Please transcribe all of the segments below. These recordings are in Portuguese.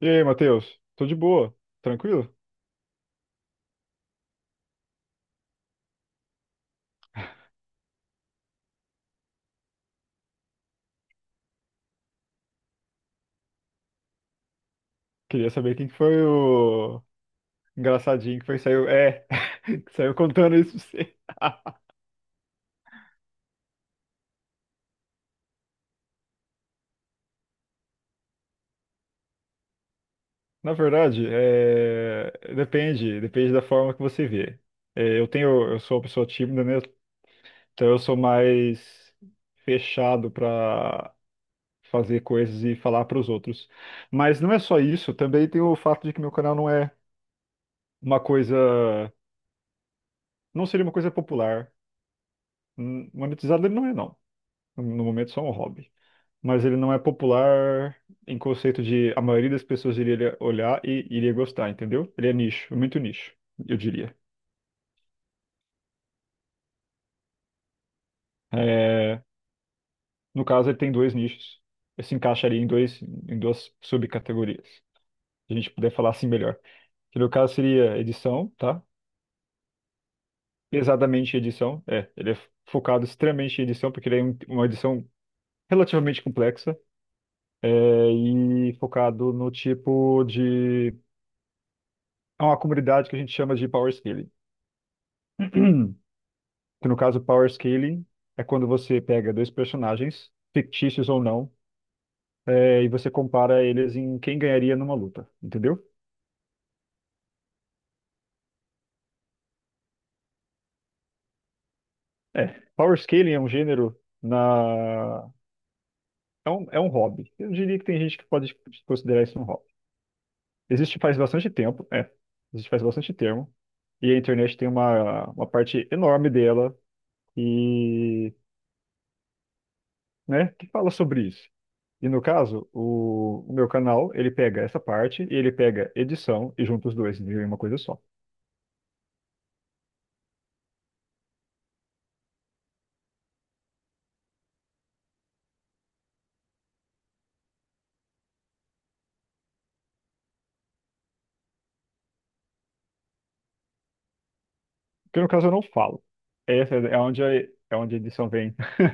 E aí, Matheus? Tô de boa, tranquilo? Queria saber quem que foi o engraçadinho que que saiu contando isso pra você. Na verdade, depende da forma que você vê. Eu sou uma pessoa tímida, né? Então eu sou mais fechado pra fazer coisas e falar para os outros. Mas não é só isso, também tem o fato de que meu canal não é uma coisa, não seria uma coisa popular. Monetizado ele não é, não. No momento, só um hobby. Mas ele não é popular em conceito de a maioria das pessoas iria olhar e iria gostar, entendeu? Ele é nicho, é muito nicho, eu diria. É, no caso, ele tem dois nichos. Ele se encaixaria em dois, em duas subcategorias. Se a gente puder falar assim melhor. Que no caso seria edição, tá? Pesadamente edição, é. Ele é focado extremamente em edição, porque ele é uma edição relativamente complexa. É, e focado no tipo de. É uma comunidade que a gente chama de power scaling. Que no caso, Power Scaling é quando você pega dois personagens, fictícios ou não, e você compara eles em quem ganharia numa luta, entendeu? É, Power Scaling é um gênero na... É um hobby. Eu diria que tem gente que pode considerar isso um hobby. Existe faz bastante tempo, existe faz bastante tempo, e a internet tem uma parte enorme dela, e, né, que fala sobre isso. E no caso, o meu canal, ele pega essa parte e ele pega edição e junta os dois em uma coisa só. Porque no caso eu não falo. Essa é onde a, É onde a edição vem.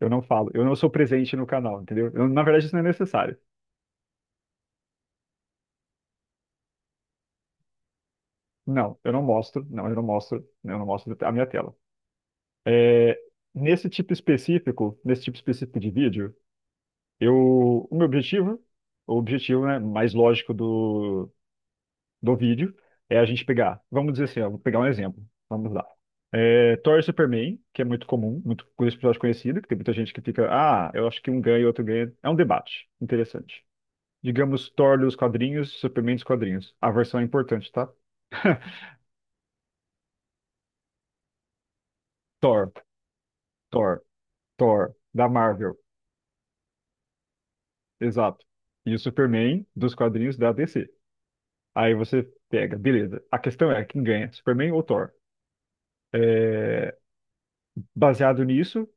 Eu não falo. Eu não sou presente no canal, entendeu? Na verdade, isso não é necessário. Não, eu não mostro. Não, eu não mostro. Eu não mostro a minha tela. É, Nesse tipo específico de vídeo, eu, o meu objetivo, o objetivo, né, mais lógico do vídeo é a gente pegar, vamos dizer assim, ó, vou pegar um exemplo, vamos lá. Thor e Superman, que é muito comum, muito com esse episódio conhecido, que tem muita gente que fica, ah, eu acho que um ganha e outro ganha. É um debate interessante. Digamos Thor dos quadrinhos, Superman dos quadrinhos. A versão é importante, tá? Thor, Thor, Thor, da Marvel, exato. E o Superman dos quadrinhos da DC. Aí você pega, beleza. A questão é quem ganha, Superman ou Thor? Baseado nisso,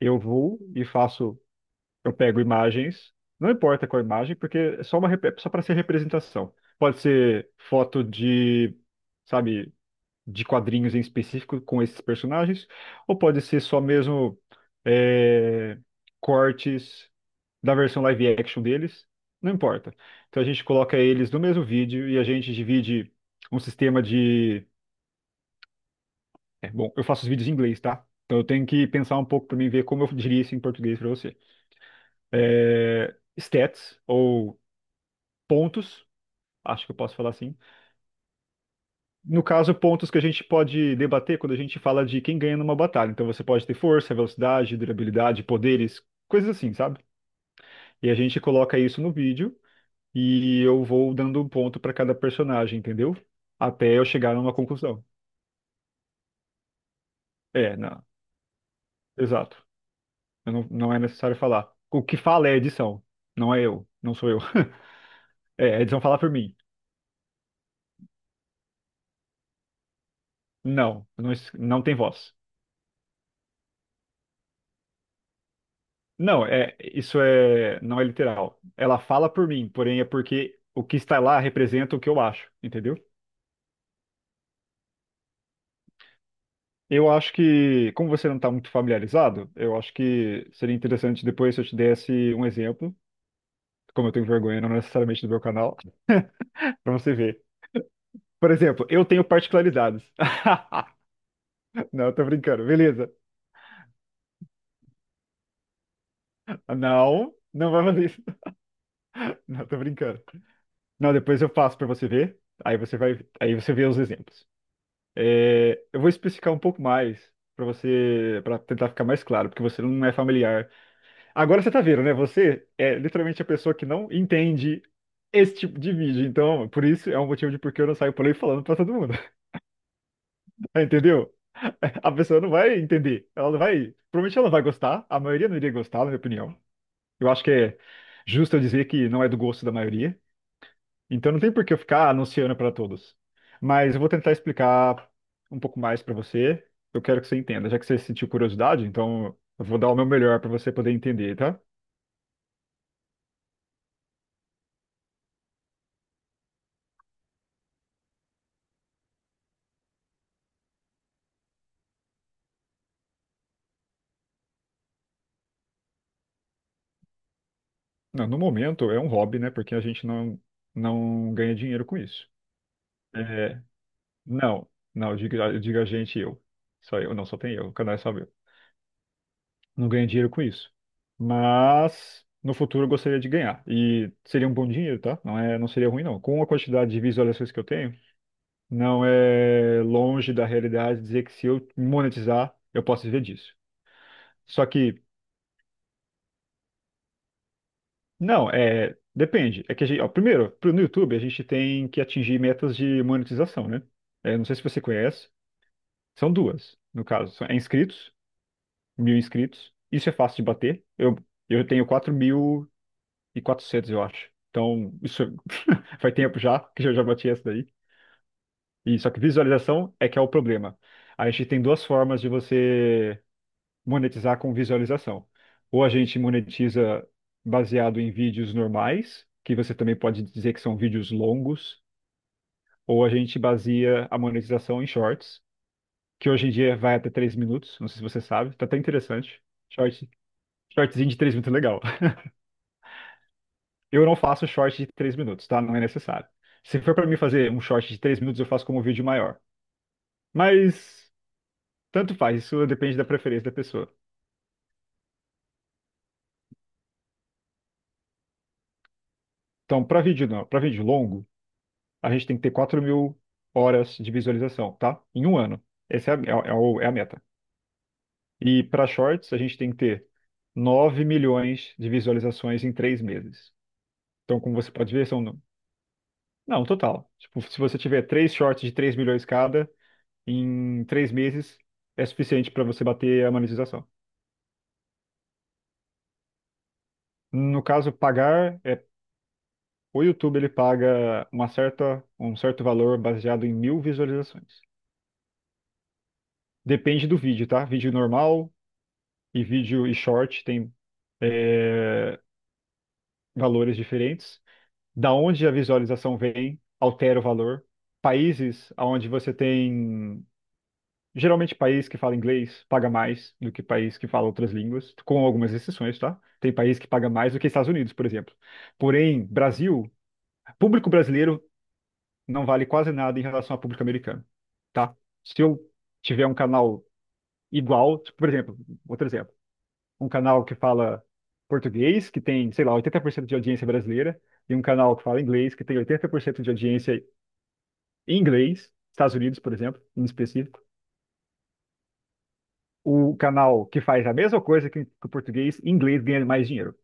eu vou e faço. Eu pego imagens, não importa qual imagem, porque é só para ser representação. Pode ser foto de, sabe, de quadrinhos em específico com esses personagens, ou pode ser só mesmo é, cortes da versão live action deles, não importa. Então a gente coloca eles no mesmo vídeo e a gente divide um sistema de. Bom, eu faço os vídeos em inglês, tá? Então eu tenho que pensar um pouco para mim ver como eu diria isso em português para você. Stats ou pontos, acho que eu posso falar assim. No caso, pontos que a gente pode debater quando a gente fala de quem ganha numa batalha. Então você pode ter força, velocidade, durabilidade, poderes, coisas assim, sabe? E a gente coloca isso no vídeo e eu vou dando um ponto para cada personagem, entendeu? Até eu chegar numa conclusão. É, não, exato. Eu não, não é necessário falar. O que fala é a edição, não é eu, não sou eu. A edição fala por mim. Não, não, não tem voz. Não, não é literal. Ela fala por mim, porém é porque o que está lá representa o que eu acho, entendeu? Eu acho que, como você não está muito familiarizado, eu acho que seria interessante depois se eu te desse um exemplo, como eu tenho vergonha, não necessariamente do meu canal, para você ver. Por exemplo, eu tenho particularidades. Não, tô brincando, beleza. Não, não vai fazer isso. Não, tô brincando. Não, depois eu faço para você ver, aí você vê os exemplos. Eu vou especificar um pouco mais para você, para tentar ficar mais claro, porque você não é familiar. Agora você tá vendo, né? Você é literalmente a pessoa que não entende esse tipo de vídeo. Então, por isso é um motivo de porque eu não saio por aí falando para todo mundo. Entendeu? A pessoa não vai entender. Ela não vai. Provavelmente ela não vai gostar. A maioria não iria gostar, na minha opinião. Eu acho que é justo eu dizer que não é do gosto da maioria. Então não tem por que eu ficar anunciando para todos. Mas eu vou tentar explicar um pouco mais para você. Eu quero que você entenda, já que você sentiu curiosidade, então eu vou dar o meu melhor para você poder entender, tá? Não, no momento é um hobby, né? Porque a gente não ganha dinheiro com isso. É, não, não, diga a gente e eu. Só eu, não, só tem eu, o canal é só meu. Não ganho dinheiro com isso. Mas no futuro eu gostaria de ganhar. E seria um bom dinheiro, tá? Não é, não seria ruim, não. Com a quantidade de visualizações que eu tenho. Não é longe da realidade dizer que se eu monetizar, eu posso viver disso. Só que, não, é. Depende. É que a gente, ó, primeiro, no YouTube, a gente tem que atingir metas de monetização, né? Não sei se você conhece. São duas, no caso. É inscritos, 1.000 inscritos. Isso é fácil de bater. Eu tenho 4.400, eu acho. Então, faz tempo já que eu já bati essa daí. E, só que visualização é que é o problema. A gente tem duas formas de você monetizar com visualização. Ou a gente monetiza baseado em vídeos normais, que você também pode dizer que são vídeos longos, ou a gente baseia a monetização em shorts, que hoje em dia vai até 3 minutos, não sei se você sabe, tá até interessante. Short, shortzinho de 3 minutos é legal. Eu não faço short de 3 minutos, tá? Não é necessário. Se for para mim fazer um short de 3 minutos, eu faço como um vídeo maior. Mas tanto faz, isso depende da preferência da pessoa. Então, para vídeo não, para vídeo longo, a gente tem que ter 4.000 horas de visualização, tá? Em um ano. Essa é a, é a meta. E para shorts, a gente tem que ter 9 milhões de visualizações em 3 meses. Então, como você pode ver, são. Não, total. Tipo, se você tiver três shorts de 3 milhões cada, em 3 meses é suficiente para você bater a monetização. No caso, pagar é. O YouTube ele paga uma certa, um certo valor baseado em 1.000 visualizações. Depende do vídeo, tá? Vídeo normal, e vídeo e short tem é, valores diferentes. Da onde a visualização vem, altera o valor. Países onde você tem. Geralmente, país que fala inglês paga mais do que país que fala outras línguas, com algumas exceções, tá? Tem país que paga mais do que Estados Unidos, por exemplo. Porém, Brasil, público brasileiro não vale quase nada em relação ao público americano, tá? Se eu tiver um canal igual, por exemplo, outro exemplo. Um canal que fala português, que tem, sei lá, 80% de audiência brasileira, e um canal que fala inglês, que tem 80% de audiência em inglês, Estados Unidos, por exemplo, em específico. O canal que faz a mesma coisa que o português, em inglês ganha mais dinheiro.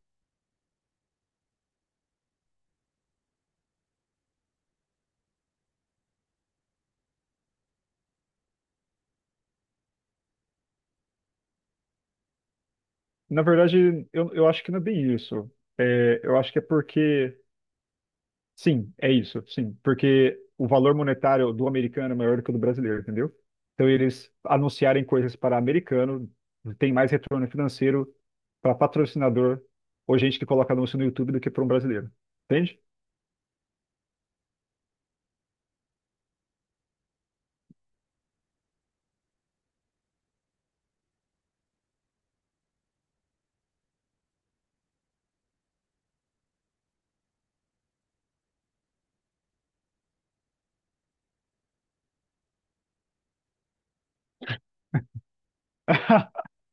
Na verdade, eu acho que não é bem isso. É, eu acho que é porque Sim, é isso, sim, porque o valor monetário do americano é maior do que o do brasileiro, entendeu? Então eles anunciarem coisas para americano tem mais retorno financeiro para patrocinador ou gente que coloca anúncio no YouTube do que para um brasileiro, entende?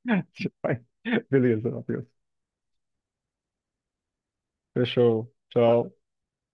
Beleza, Matheus. Fechou. Tchau.